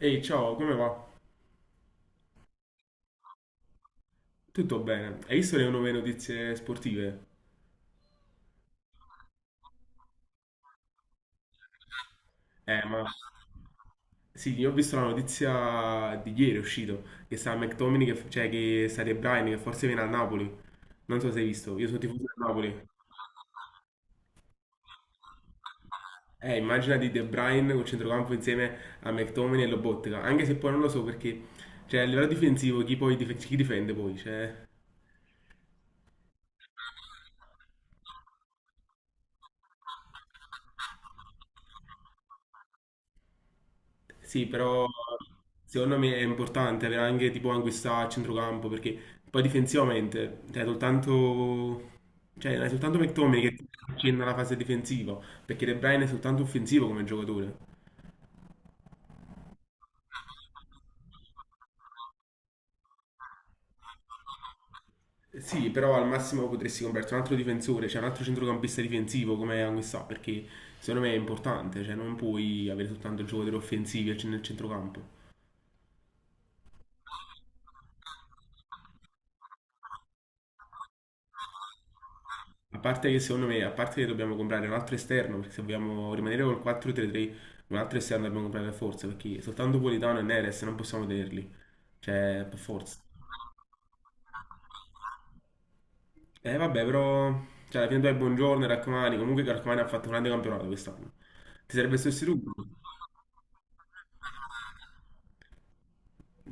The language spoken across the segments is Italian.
Ehi, ciao, come va? Tutto bene. Hai visto le nuove notizie sportive? Ma sì, io ho visto la notizia di ieri, è uscito, che sta McTominay, che, cioè che sta De Bruyne, che forse viene a Napoli. Non so se hai visto, io sono tifoso del Napoli. Immagina di De Bruyne col centrocampo insieme a McTominay e Lobotka, anche se poi non lo so perché, cioè, a livello difensivo, chi poi chi difende poi? Cioè. Sì, però secondo me è importante avere anche tipo Anguissa a centrocampo perché poi difensivamente cioè, soltanto, cioè, non è soltanto McTominay che ti accenna la fase difensiva perché De Bruyne è soltanto offensivo come giocatore. Sì, però al massimo potresti comprarti un altro difensore, cioè un altro centrocampista difensivo come Anguissa perché secondo me è importante, cioè non puoi avere soltanto giocatori offensivi nel centrocampo. A parte che secondo me, a parte che dobbiamo comprare un altro esterno, perché se vogliamo rimanere col 4-3-3, un altro esterno dobbiamo comprare per forza, perché soltanto Politano e Neres non possiamo tenerli. Cioè, per forza. Eh vabbè, però, cioè, alla fine tu hai Buongiorno e Raccomani, comunque Raccomani ha fatto un grande campionato quest'anno. Ti serve il sostituto?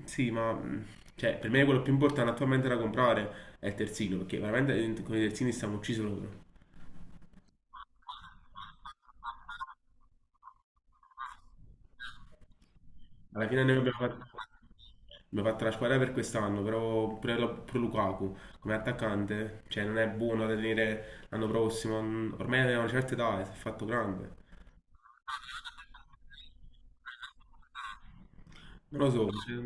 Sì, ma cioè, per me quello più importante attualmente da comprare è il terzino, perché veramente con i terzini stiamo uccisi loro. Alla fine noi abbiamo fatto. Mi ha fatto la squadra per quest'anno, però pure pure Lukaku come attaccante, cioè non è buono da tenere l'anno prossimo, ormai è una certa età, si è fatto grande. Non lo so, cioè,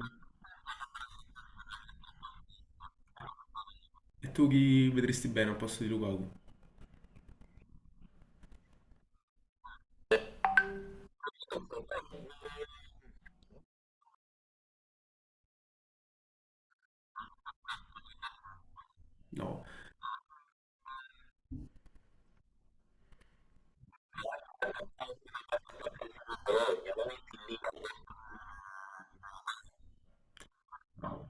e tu chi vedresti bene al posto di Lukaku? No, no.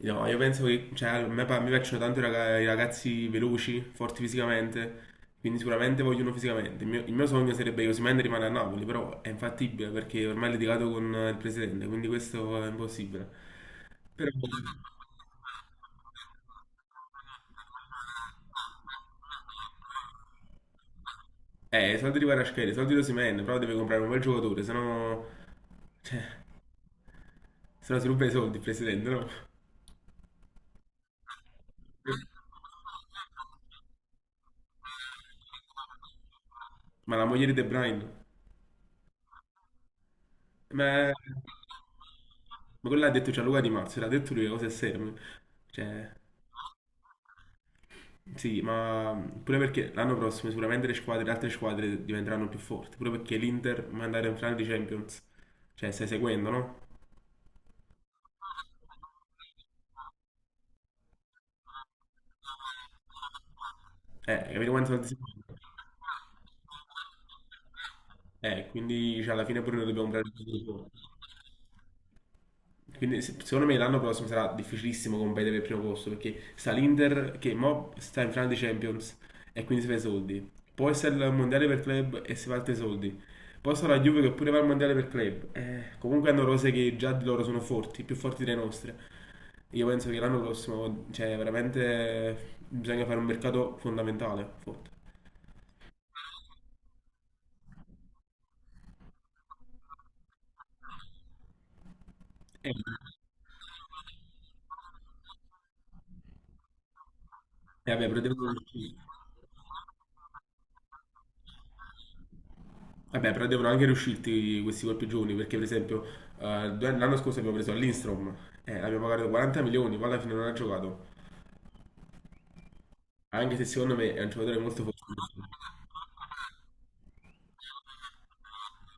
No, io penso che cioè, a me mi piacciono tanto i i ragazzi veloci, forti fisicamente, quindi sicuramente voglio uno fisicamente. Il mio sogno sarebbe che Osimhen rimane a Napoli, però è infattibile perché ormai è litigato con il presidente, quindi questo è impossibile. Però. I soldi di Kvaratskhelia, i soldi di Osimhen, però deve comprare un bel giocatore, sennò. Cioè, sennò si ruba i soldi il presidente, no? Ma la moglie di De Bruyne, ma quello l'ha detto Gianluca Di Marzio, l'ha detto lui, le cose serie. Cioè, sì, ma pure perché l'anno prossimo sicuramente le squadre, le altre squadre diventeranno più forti, pure perché l'Inter va ad andare in finale di Champions. Cioè, stai seguendo, no? Capito quanto soldi si fa? Quindi cioè, alla fine pure noi dobbiamo comprare tutto. Quindi secondo me l'anno prossimo sarà difficilissimo competere per il primo posto perché sta l'Inter che mo sta in finale di Champions e quindi si fa i soldi. Poi sta il mondiale per club e si fa altri soldi. Poi sta la Juve che pure va al mondiale per club. Comunque hanno rose che già di loro sono forti, più forti delle nostre. Io penso che l'anno prossimo, cioè veramente bisogna fare un mercato fondamentale, forte. E vabbè, però vabbè, però devono anche riuscirti questi colpi giovani, perché per esempio l'anno scorso abbiamo preso Lindstrom, l'abbiamo pagato 40 milioni, poi alla fine non ha giocato, anche se secondo me è un giocatore molto fortunato,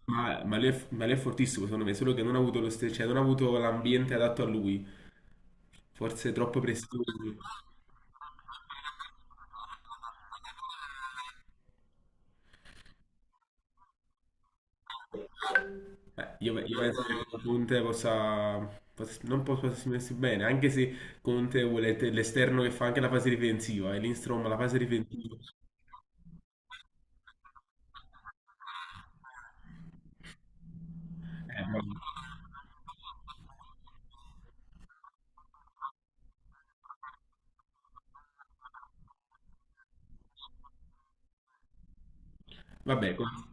ma lui è fortissimo secondo me, solo che non ha avuto lo stesso, cioè non ha avuto l'ambiente adatto a lui, forse troppo presto. Io penso che Conte non possa esprimersi bene, anche se Conte vuole l'esterno che fa anche la fase difensiva, e Lindstrom la fase difensiva. eh, ma- Vabbè.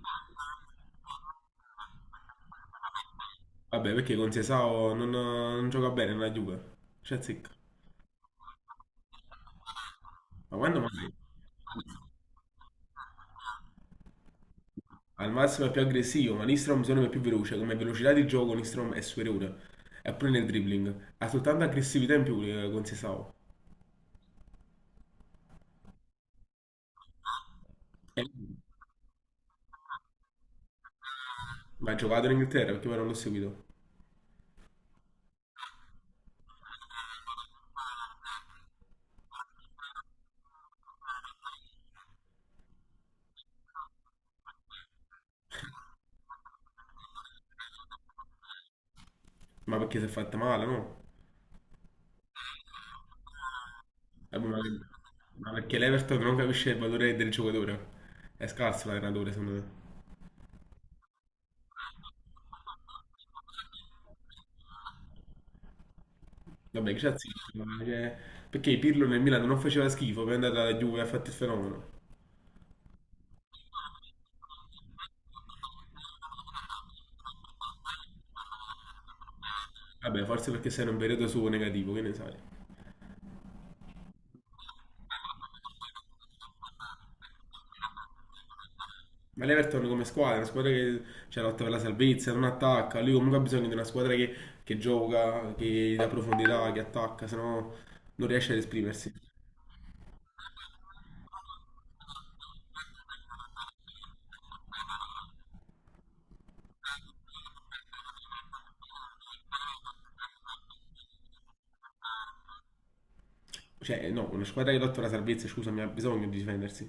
Vabbè, perché con Sesao non gioca bene nella Juve. Cioè, zecca. Ma quando mai? Al massimo è più aggressivo, ma Nistrom secondo me è più veloce. Come velocità di gioco Nistrom è superiore. E pure nel dribbling. Ha soltanto aggressività in più con Sesao. E- Ma ha giocato in Inghilterra perché poi non l'ho seguito. Ma perché si è fatta male, no? Eh, Ma ma perché l'Everton non capisce il valore del giocatore. È scarso l'allenatore, secondo me. Vabbè, che c'ha zitto. Perché Pirlo nel Milan non faceva schifo, poi è andato alla Juve e ha fatto il fenomeno. Vabbè, forse perché sei in un periodo suo negativo, che ne sai. Ma l'Everton come squadra, è una squadra che c'è lotta per la salvezza, non attacca. Lui comunque ha bisogno di una squadra che, gioca, che dà profondità, che attacca, se no non riesce ad esprimersi. Cioè, no, una squadra che lotta per la salvezza, scusami, ha bisogno di difendersi.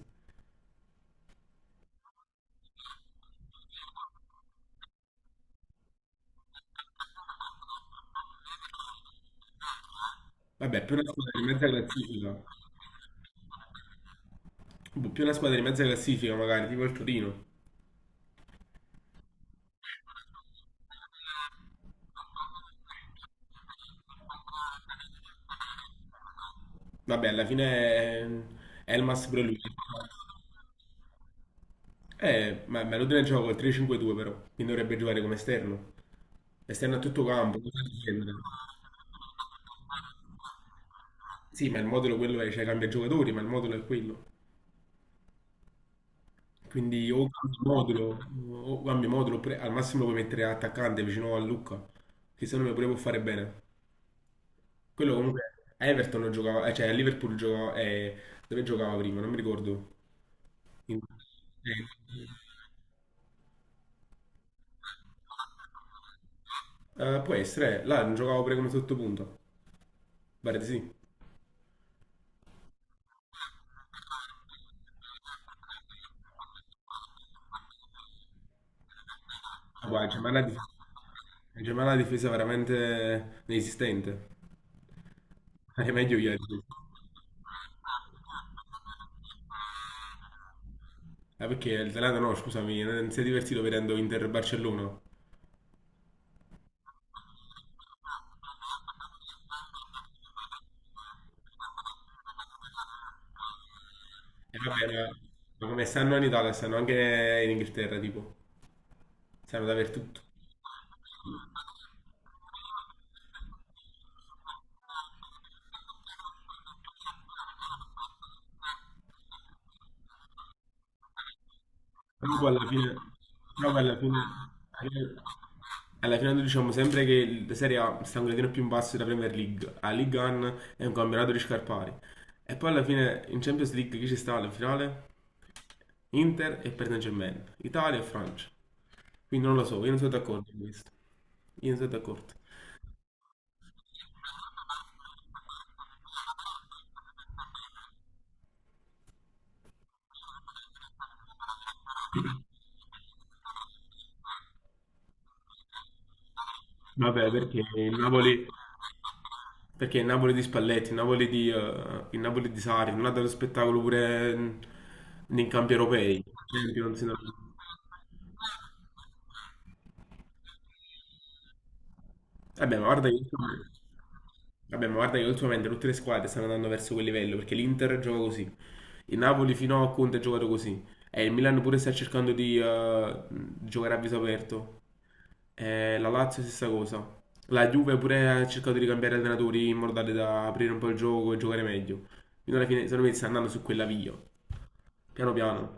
Vabbè, più una squadra di mezza classifica, boh, più una squadra di mezza classifica magari, tipo il Torino. Vabbè, alla fine è Elmas pure lui. Ma Maradona gioca col 3-5-2 però, quindi dovrebbe giocare come esterno. Esterno a tutto campo, cosa difendere? Sì, ma il modulo quello è, cioè cambia giocatori, ma il modulo è quello. Quindi o cambi modulo, oppure al massimo puoi mettere attaccante vicino a Lucca, che secondo me pure può fare bene. Quello comunque a Everton non giocava, cioè a Liverpool giocava, dove giocava prima? Non mi ricordo. In- eh, può essere, là non giocava pure come sottopunto. Pare di sì. Ma guarda, cioè, la Germania è una difesa veramente inesistente. È meglio ieri. Ah, perché il Zalando no, scusami, non si è divertito vedendo Inter Barcellona. E va bene, ma come stanno in Italia, stanno anche in Inghilterra, tipo. Stanno dappertutto. Però poi alla fine, però poi alla fine, alla fine noi diciamo sempre che la Serie A sta un gradino più in basso della Premier League. La Ligue 1 è un campionato di scarpari. E poi alla fine in Champions League chi ci sta alla finale? Inter e Paris Saint-Germain. Italia e Francia. Quindi non lo so, io non sono d'accordo con questo. Io non sono d'accordo. Vabbè, perché il Napoli di Spalletti, il Napoli di Sarri non ha dato spettacolo pure nei campi europei. Champions, no. Vabbè, ma guarda che, vabbè, ma guarda che ultimamente tutte le squadre stanno andando verso quel livello, perché l'Inter gioca così. Il Napoli fino a Conte ha giocato così. E il Milan pure sta cercando di giocare a viso aperto. La Lazio stessa cosa. La Juve pure ha cercato di cambiare allenatori in modo tale da aprire un po' il gioco e giocare meglio. Fino alla fine, secondo me, sta andando su quella via. Piano piano.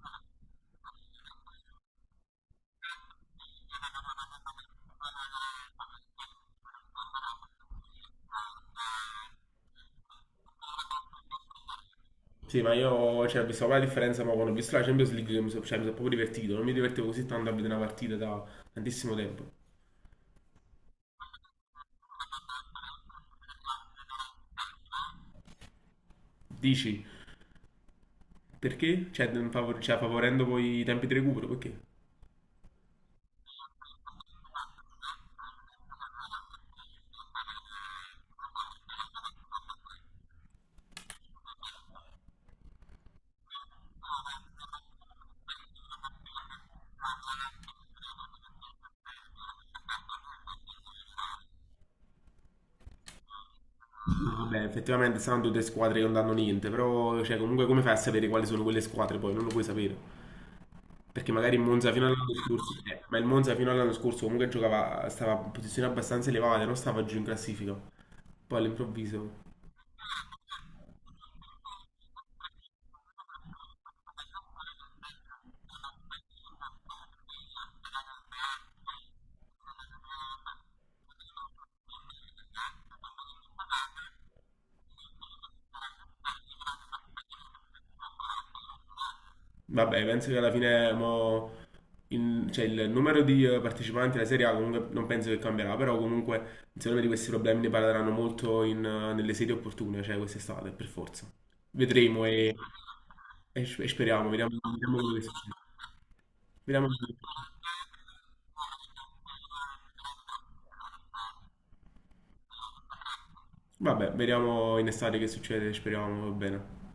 Sì, ma io cioè, ho visto la differenza, ma quando ho visto la Champions League che mi sono cioè, mi sono proprio divertito. Non mi divertivo così tanto a vedere una partita da tantissimo tempo. Dici, perché? Cioè, non favorendo poi i tempi di recupero, perché? No, vabbè, effettivamente saranno tutte squadre che non danno niente, però cioè, comunque come fai a sapere quali sono quelle squadre poi? Non lo puoi sapere. Perché magari il Monza fino all'anno scorso, ma il Monza fino all'anno scorso comunque giocava, stava in posizioni abbastanza elevate, non stava giù in classifica. Poi all'improvviso. Vabbè, penso che alla fine mo, il, cioè, il numero di partecipanti alla Serie A comunque non penso che cambierà, però comunque secondo me di questi problemi ne parleranno molto in, nelle serie opportune, cioè quest'estate, per forza. Vedremo e speriamo, vediamo, vediamo, vediamo- vabbè, vediamo in estate che succede, speriamo, va bene.